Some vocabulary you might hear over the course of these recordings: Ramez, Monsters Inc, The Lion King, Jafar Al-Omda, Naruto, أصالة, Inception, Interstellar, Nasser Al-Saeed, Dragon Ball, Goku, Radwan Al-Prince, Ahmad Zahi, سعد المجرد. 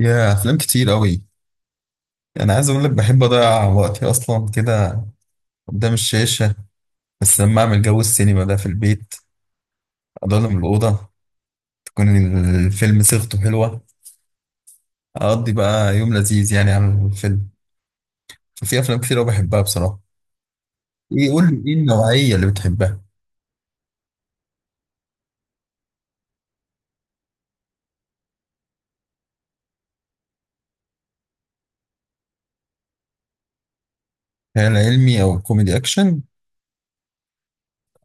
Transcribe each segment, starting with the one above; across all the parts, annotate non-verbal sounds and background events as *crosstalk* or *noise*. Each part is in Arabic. يا افلام كتير قوي. انا عايز اقول لك بحب اضيع وقتي اصلا كده قدام الشاشه، بس لما اعمل جو السينما ده في البيت، اضلم الاوضه، تكون الفيلم صيغته حلوه، اقضي بقى يوم لذيذ يعني على الفيلم. ففي افلام كتير قوي بحبها بصراحه. ايه، قول لي ايه النوعيه اللي بتحبها؟ خيال علمي او كوميدي اكشن،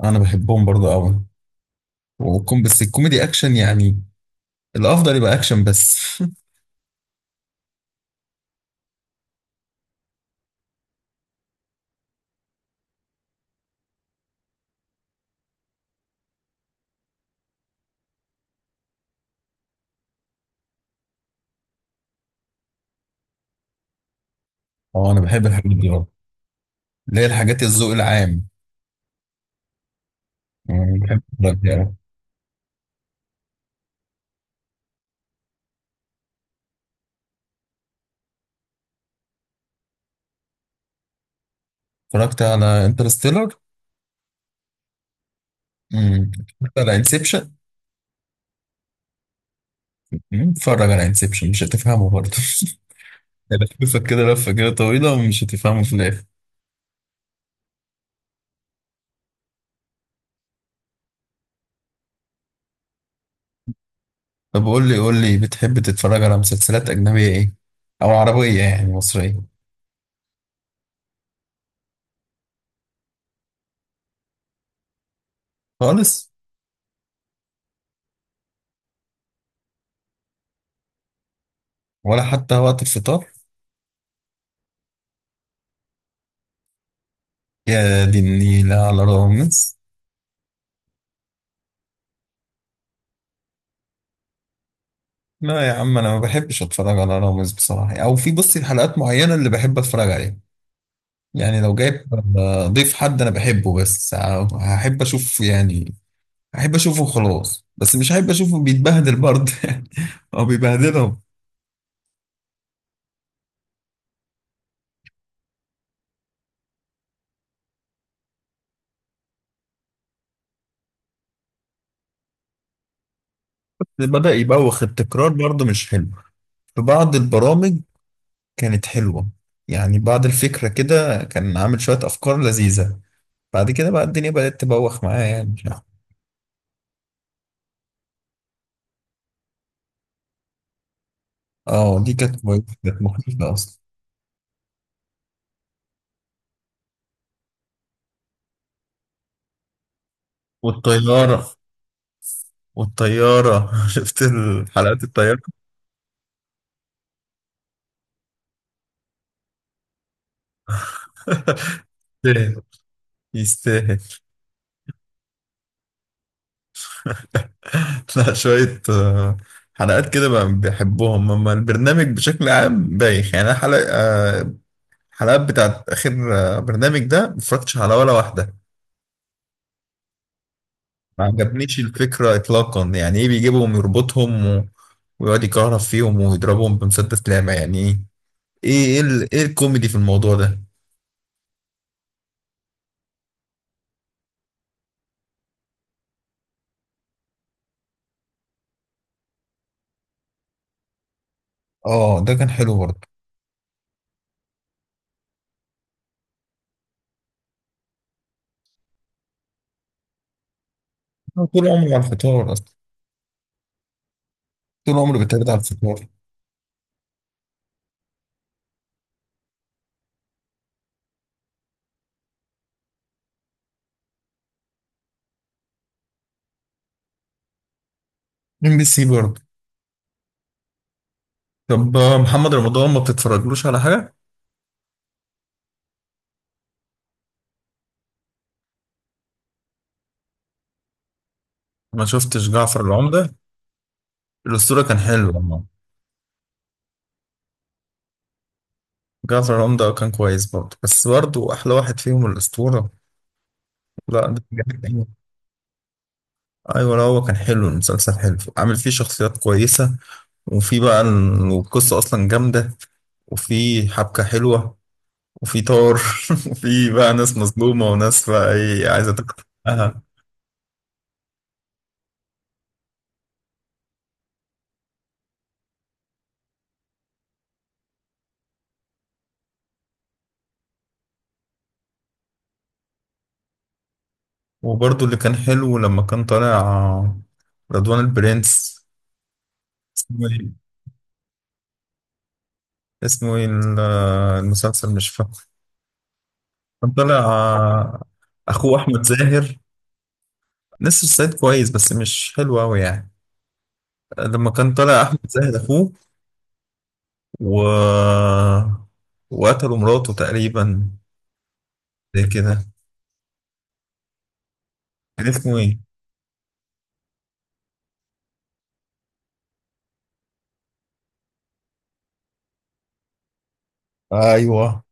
انا بحبهم برضه قوي، وكم بس الكوميدي اكشن يعني، الافضل يبقى اكشن بس. *laughs* اه انا بحب الحاجات دي أوي. اللي هي الحاجات الذوق العام. يعني بحب الحاجات دي أوي. اتفرجت على انترستيلر. اتفرجت على انسبشن. اتفرج على انسبشن مش هتفهمه برضه. *laughs* لفة كده لفة كده طويلة ومش هتفهمه في الآخر. طب قول لي بتحب تتفرج على مسلسلات أجنبية إيه؟ أو عربية يعني مصرية؟ خالص؟ ولا حتى وقت الفطار؟ يا دي النيلة على رامز. لا يا عم، أنا ما بحبش أتفرج على رامز بصراحة، أو في بصي حلقات معينة اللي بحب أتفرج عليها. يعني لو جايب ضيف حد أنا بحبه، بس هحب أشوف يعني. احب اشوفه خلاص، بس مش احب اشوفه بيتبهدل برضه. *laughs* او بيبهدلهم. بدأ يبوخ، التكرار برضه مش حلو في بعض البرامج. كانت حلوة يعني، بعض الفكرة كده كان عامل شوية افكار لذيذة، بعد كده بقى الدنيا بدأت تبوخ معاه يعني مش عارف. اه دي كانت كويسة، كانت مخيفة اصلا. والطيارة، والطيارة. *laughs* شفت الحلقات الطيارة؟ *laughs* يستاهل. *laughs* لا شوية حلقات كده بقى بيحبوهم، أما البرنامج بشكل عام بايخ يعني. أنا حلقة الحلقات بتاعت آخر برنامج ده مفرجتش على ولا واحدة. ما عجبنيش الفكرة إطلاقا. يعني إيه بيجيبهم يربطهم ويقعد يكهرب فيهم ويضربهم بمسدس لامع؟ يعني إيه؟ إيه الكوميدي في الموضوع ده؟ آه ده كان حلو برضه. أنا طول عمري على الفطار أصلا، طول عمري بتابع على الفطار. MBC برضه. طب محمد رمضان ما بتتفرجلوش على حاجة؟ ما شفتش جعفر العمدة؟ الأسطورة كان حلو والله. جعفر العمدة كان كويس برضه، بس برضه أحلى واحد فيهم الأسطورة. لا ده بجد حلو. أيوة، لا هو كان حلو، المسلسل حلو، عامل فيه شخصيات كويسة، وفي بقى والقصة أصلا جامدة، وفي حبكة حلوة، وفي طار. *laughs* وفي بقى ناس مظلومة وناس بقى إيه، عايزة تاخد حقها. وبرضه اللي كان حلو لما كان طالع رضوان البرنس. اسمه إيه؟ اسمه إيه ال- المسلسل مش فاكر. كان طلع اخوه احمد زاهر. نسر الصعيد كويس، بس مش حلو قوي يعني. لما كان طلع احمد زاهر اخوه و... وقتلوا مراته تقريبا، زي كده. كان اسمه ايه؟ ايوه.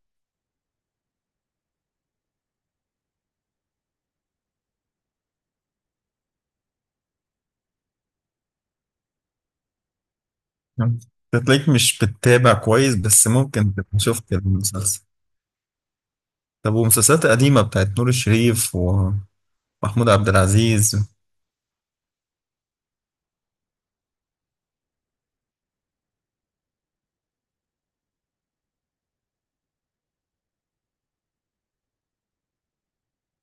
أنت تلاقيك مش بتتابع كويس، بس ممكن تبقى شفت المسلسل. طب ومسلسلات قديمة بتاعت نور الشريف ومحمود عبد العزيز؟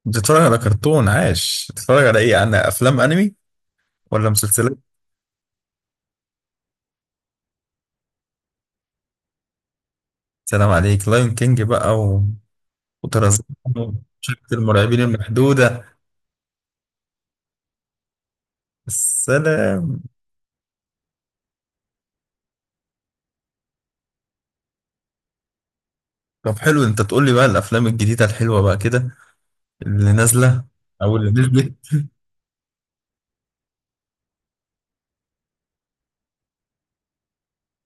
بتتفرج على كرتون؟ عاش. بتتفرج على ايه، على افلام انمي ولا مسلسلات؟ سلام عليك، لايون كينج بقى، وترزمون، شركة المرعبين المحدودة. السلام. طب حلو، انت تقول لي بقى الافلام الجديدة الحلوة بقى كده، اللي نازلة او اللي نزلت.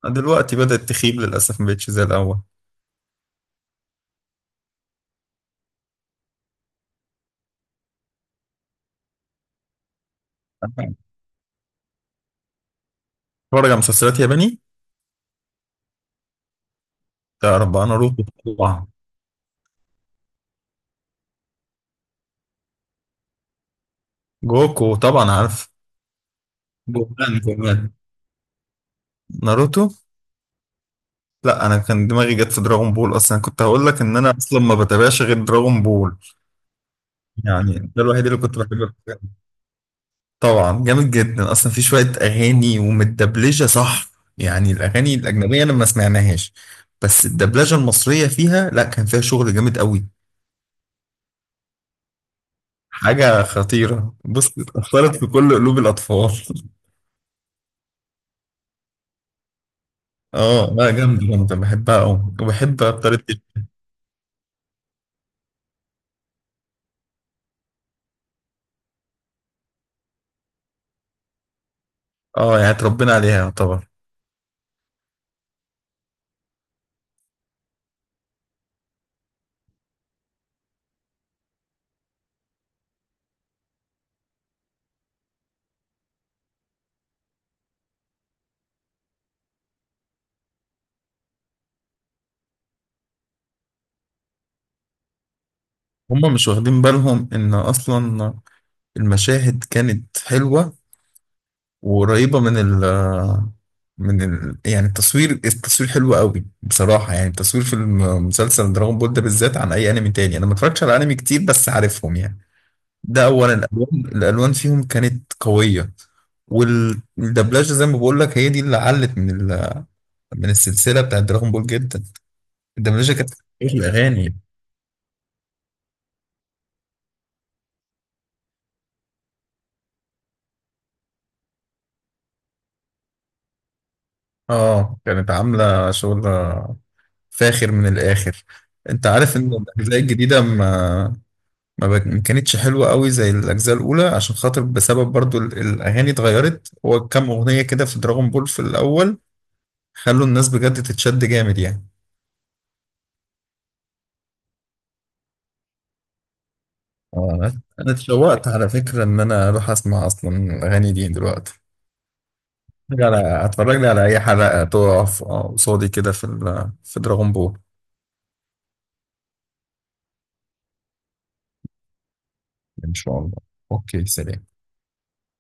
دلوقتي بدأت تخيب للاسف، ما بقتش زي الاول. اتفرج على مسلسلات ياباني؟ تعرف بقى ناروتو طبعا. جوكو طبعا عارف. جوكان كمان. ناروتو. لا انا كان دماغي جت في دراغون بول، اصلا كنت هقول لك ان انا اصلا ما بتابعش غير دراغون بول. يعني ده الوحيد اللي كنت بحبه. طبعا جامد جدا اصلا، في شويه اغاني ومتدبلجه صح. يعني الاغاني الاجنبيه انا ما سمعناهاش، بس الدبلجه المصريه فيها، لا كان فيها شغل جامد قوي. حاجه خطيره، بص اتأثرت في كل قلوب الاطفال. *laughs* اه لا، جامده جامده، بحبها قوي. وبحب طريقه. اه يعني اتربينا عليها يعتبر. هما مش واخدين بالهم ان اصلا المشاهد كانت حلوه، وقريبة من ال، يعني التصوير، التصوير حلو قوي بصراحة. يعني التصوير في المسلسل دراغون بول ده بالذات عن أي أنمي تاني. أنا ما اتفرجتش على أنمي كتير بس عارفهم يعني. ده أولا الألوان، الألوان فيهم كانت قوية. والدبلجة زي ما بقول لك، هي دي اللي علت من ال، السلسلة بتاعت دراغون بول جدا. الدبلجة كانت إيه، الأغاني. اه كانت عاملة شغل فاخر من الآخر. انت عارف ان الاجزاء الجديده ما كانتش حلوة قوي زي الأجزاء الأولى، عشان خاطر، بسبب برضو الأغاني اتغيرت. هو كام أغنية كده في دراغون بول في الأول خلوا الناس بجد تتشد جامد يعني. آه، أنا أنا اتشوقت على فكرة إن أنا أروح أسمع أصلا الأغاني دي دلوقتي. أتفرج على هتفرج لي على أي حلقة تقف قصادي كده في في دراغون بول. إن شاء الله. أوكي، سلام.